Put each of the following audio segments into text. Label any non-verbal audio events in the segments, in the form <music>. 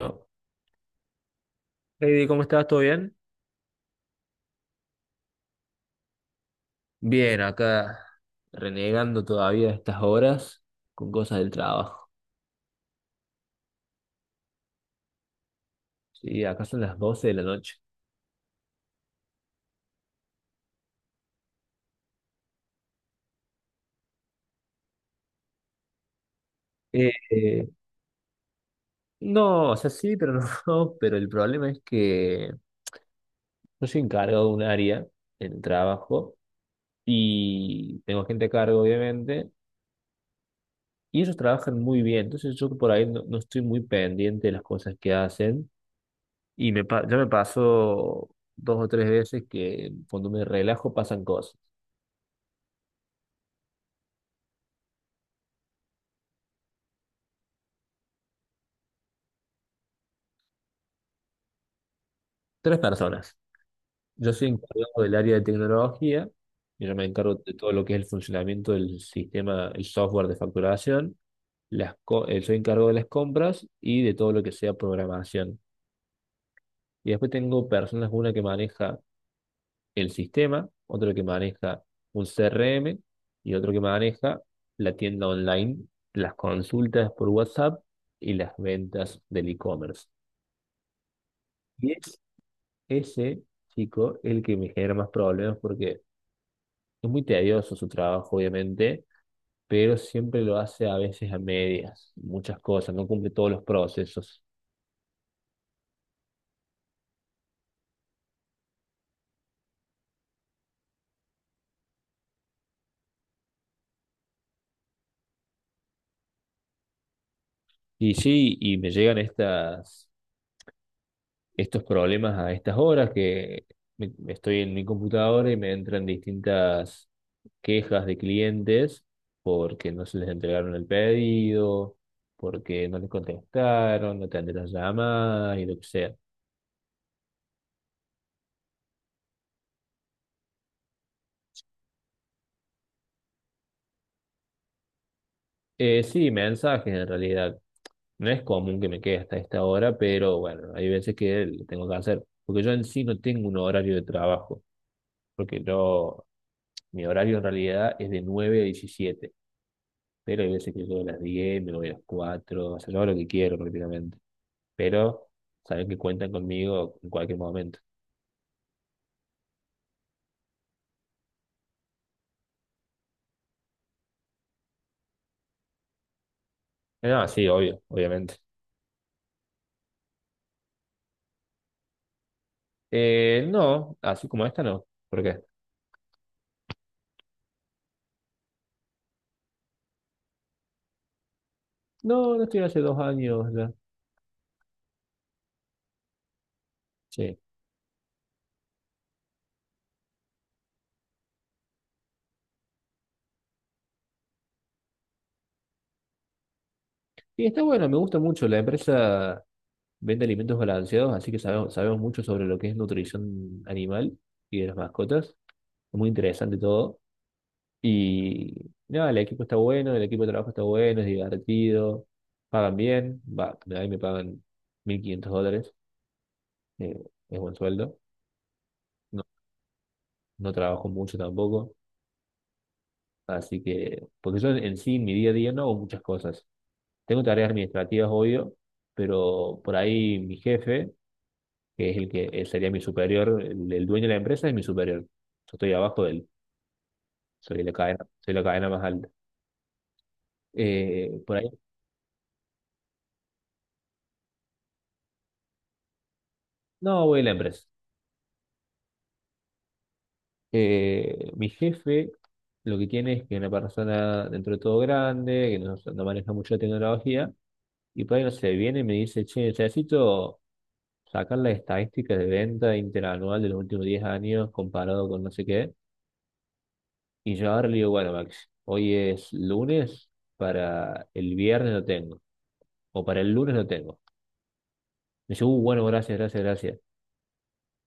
No. Heidi, ¿cómo estás? ¿Todo bien? Bien, acá renegando todavía estas horas con cosas del trabajo. Sí, acá son las 12 de la noche. Eh, eh, no, o sea, sí, pero no. <laughs> No, pero el problema es que yo soy encargado de un área en el trabajo y tengo gente a cargo, obviamente, y ellos trabajan muy bien. Entonces yo por ahí no, no estoy muy pendiente de las cosas que hacen y ya me pasó dos o tres veces que cuando me relajo pasan cosas. Tres personas. Yo soy encargado del área de tecnología, y yo me encargo de todo lo que es el funcionamiento del sistema, el software de facturación, soy encargado de las compras y de todo lo que sea programación. Y después tengo personas, una que maneja el sistema, otro que maneja un CRM y otro que maneja la tienda online, las consultas por WhatsApp y las ventas del e-commerce. Y es ese chico el que me genera más problemas porque... Es muy tedioso su trabajo, obviamente, pero siempre lo hace a veces a medias, muchas cosas, no cumple todos los procesos. Y sí, y me llegan estos problemas a estas horas que estoy en mi computadora y me entran distintas quejas de clientes porque no se les entregaron el pedido, porque no les contestaron, no atendieron las llamadas y lo que sea. Sí, mensajes en realidad. No es común que me quede hasta esta hora, pero bueno, hay veces que lo tengo que hacer, porque yo en sí no tengo un horario de trabajo, porque yo, mi horario en realidad es de 9 a 17, pero hay veces que llego a las 10, me voy a las 4. O sea, yo hago lo que quiero prácticamente, pero saben que cuentan conmigo en cualquier momento. No, sí, obvio, obviamente. No, así como esta no, ¿por qué? No, no estoy hace 2 años ya. Sí. Y está bueno, me gusta mucho la empresa. Vende alimentos balanceados, así que sabemos mucho sobre lo que es nutrición animal y de las mascotas. Es muy interesante todo. Y nada, el equipo está bueno, el equipo de trabajo está bueno, es divertido, pagan bien. Va, ahí me pagan 1500 dólares, eh, es buen sueldo. No, no trabajo mucho tampoco, así que, porque yo en, sí, en mi día a día no hago muchas cosas. Tengo tareas administrativas, obvio, pero por ahí mi jefe, que es el que él sería mi superior, el dueño de la empresa es mi superior. Yo estoy abajo de él, soy la cadena más alta. Eh, por ahí, no voy a la empresa. Mi jefe lo que tiene es que es una persona dentro de todo grande, que no, no maneja mucho la tecnología, y por ahí no sé, viene y me dice, che, necesito sacar las estadísticas de venta interanual de los últimos 10 años comparado con no sé qué. Y yo ahora le digo, bueno, Max, hoy es lunes, para el viernes no tengo, o para el lunes no tengo. Me dice, bueno, gracias, gracias, gracias.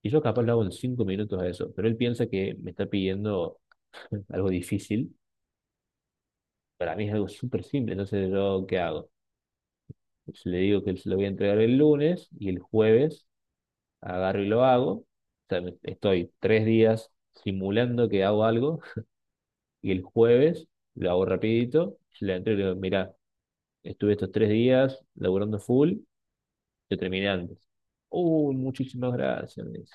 Y yo capaz lo hago en 5 minutos a eso, pero él piensa que me está pidiendo algo difícil. Para mí es algo súper simple, entonces yo, ¿qué hago? Pues le digo que se lo voy a entregar el lunes y el jueves agarro y lo hago. O sea, estoy 3 días simulando que hago algo, <laughs> y el jueves lo hago rapidito, se lo entrego y le digo, mira, estuve estos 3 días laburando full, yo terminé antes. Uy, muchísimas gracias, me dice.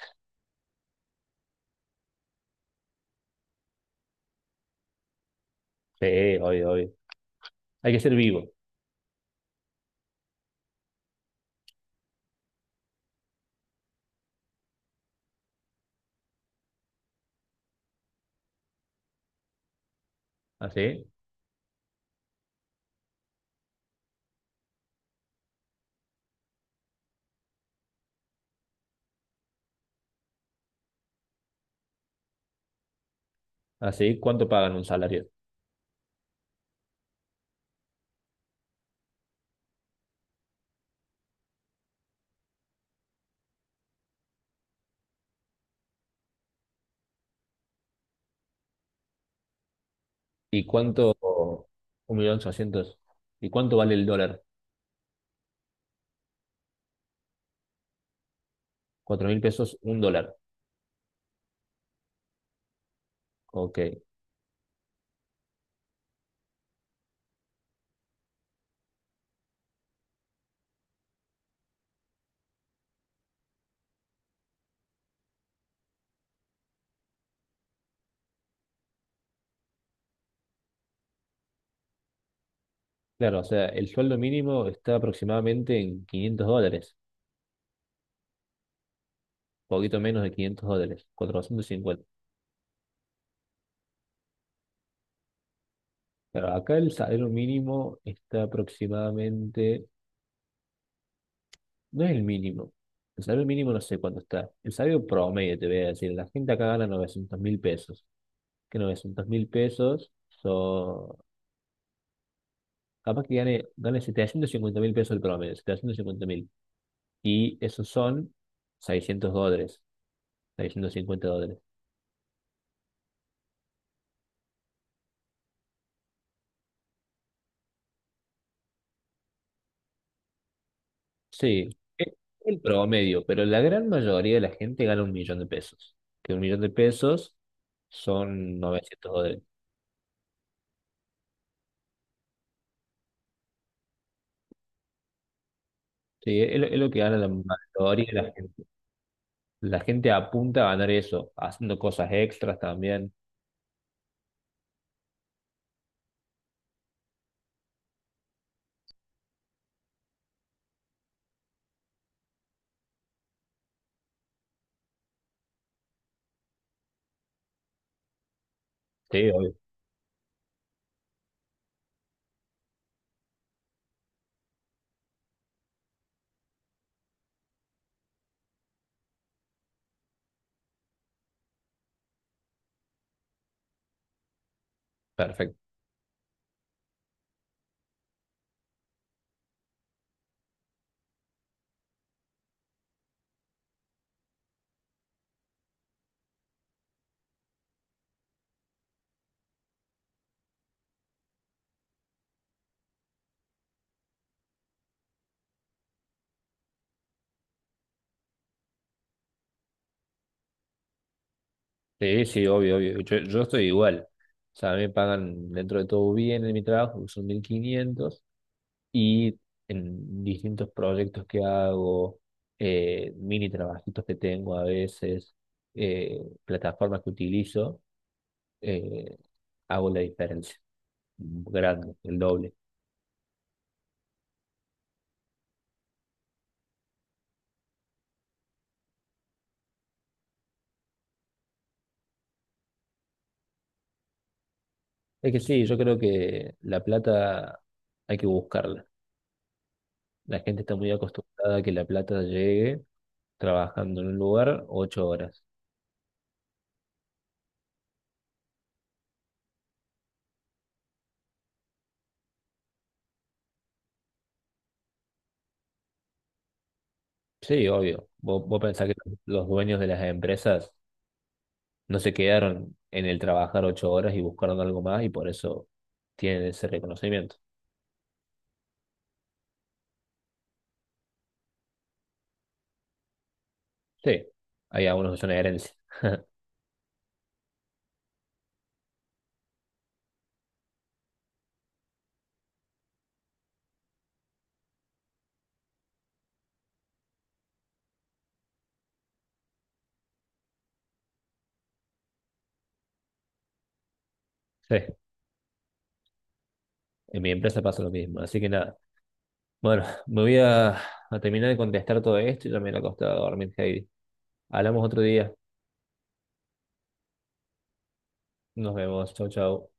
Sí, obvio, obvio. Hay que ser vivo. ¿Así? Así, ¿cuánto pagan un salario? ¿Y cuánto? 1.800.000. ¿Y cuánto vale el dólar? 4000 pesos, un dólar. Ok. Claro, o sea, el sueldo mínimo está aproximadamente en 500 dólares, poquito menos de 500 dólares, 450. Pero acá el salario mínimo está aproximadamente, no es el mínimo, el salario mínimo no sé cuánto está, el salario promedio te voy a decir, la gente acá gana 900.000 pesos, que 900.000 pesos son, capaz que gane 750.000 pesos el promedio, 750.000. Y esos son 600 dólares, 650 dólares. Sí, e- el promedio, pero la gran mayoría de la gente gana 1.000.000 de pesos, que 1.000.000 de pesos son 900 dólares. Sí, es lo que gana la mayoría de la gente. La gente apunta a ganar eso, haciendo cosas extras también. Sí, obvio, perfecto. Sí, sí, obvio, obvio. Yo estoy igual. O sea, a mí me pagan dentro de todo bien en mi trabajo, que son 1500, y en distintos proyectos que hago, mini trabajitos que tengo a veces, eh, plataformas que utilizo, eh, hago la diferencia. Grande, el doble. Es que sí, yo creo que la plata hay que buscarla. La gente está muy acostumbrada a que la plata llegue trabajando en un lugar 8 horas. Sí, obvio. Vos pensás que los dueños de las empresas no se quedaron en el trabajar 8 horas y buscaron algo más, y por eso tienen ese reconocimiento. Sí, hay algunos que son herencia. <laughs> Sí, en mi empresa pasa lo mismo, así que nada. Bueno, me voy a terminar de contestar todo esto y ya me iré costado acostar a dormir, Heidi. Hablamos otro día. Nos vemos. Chau, chau.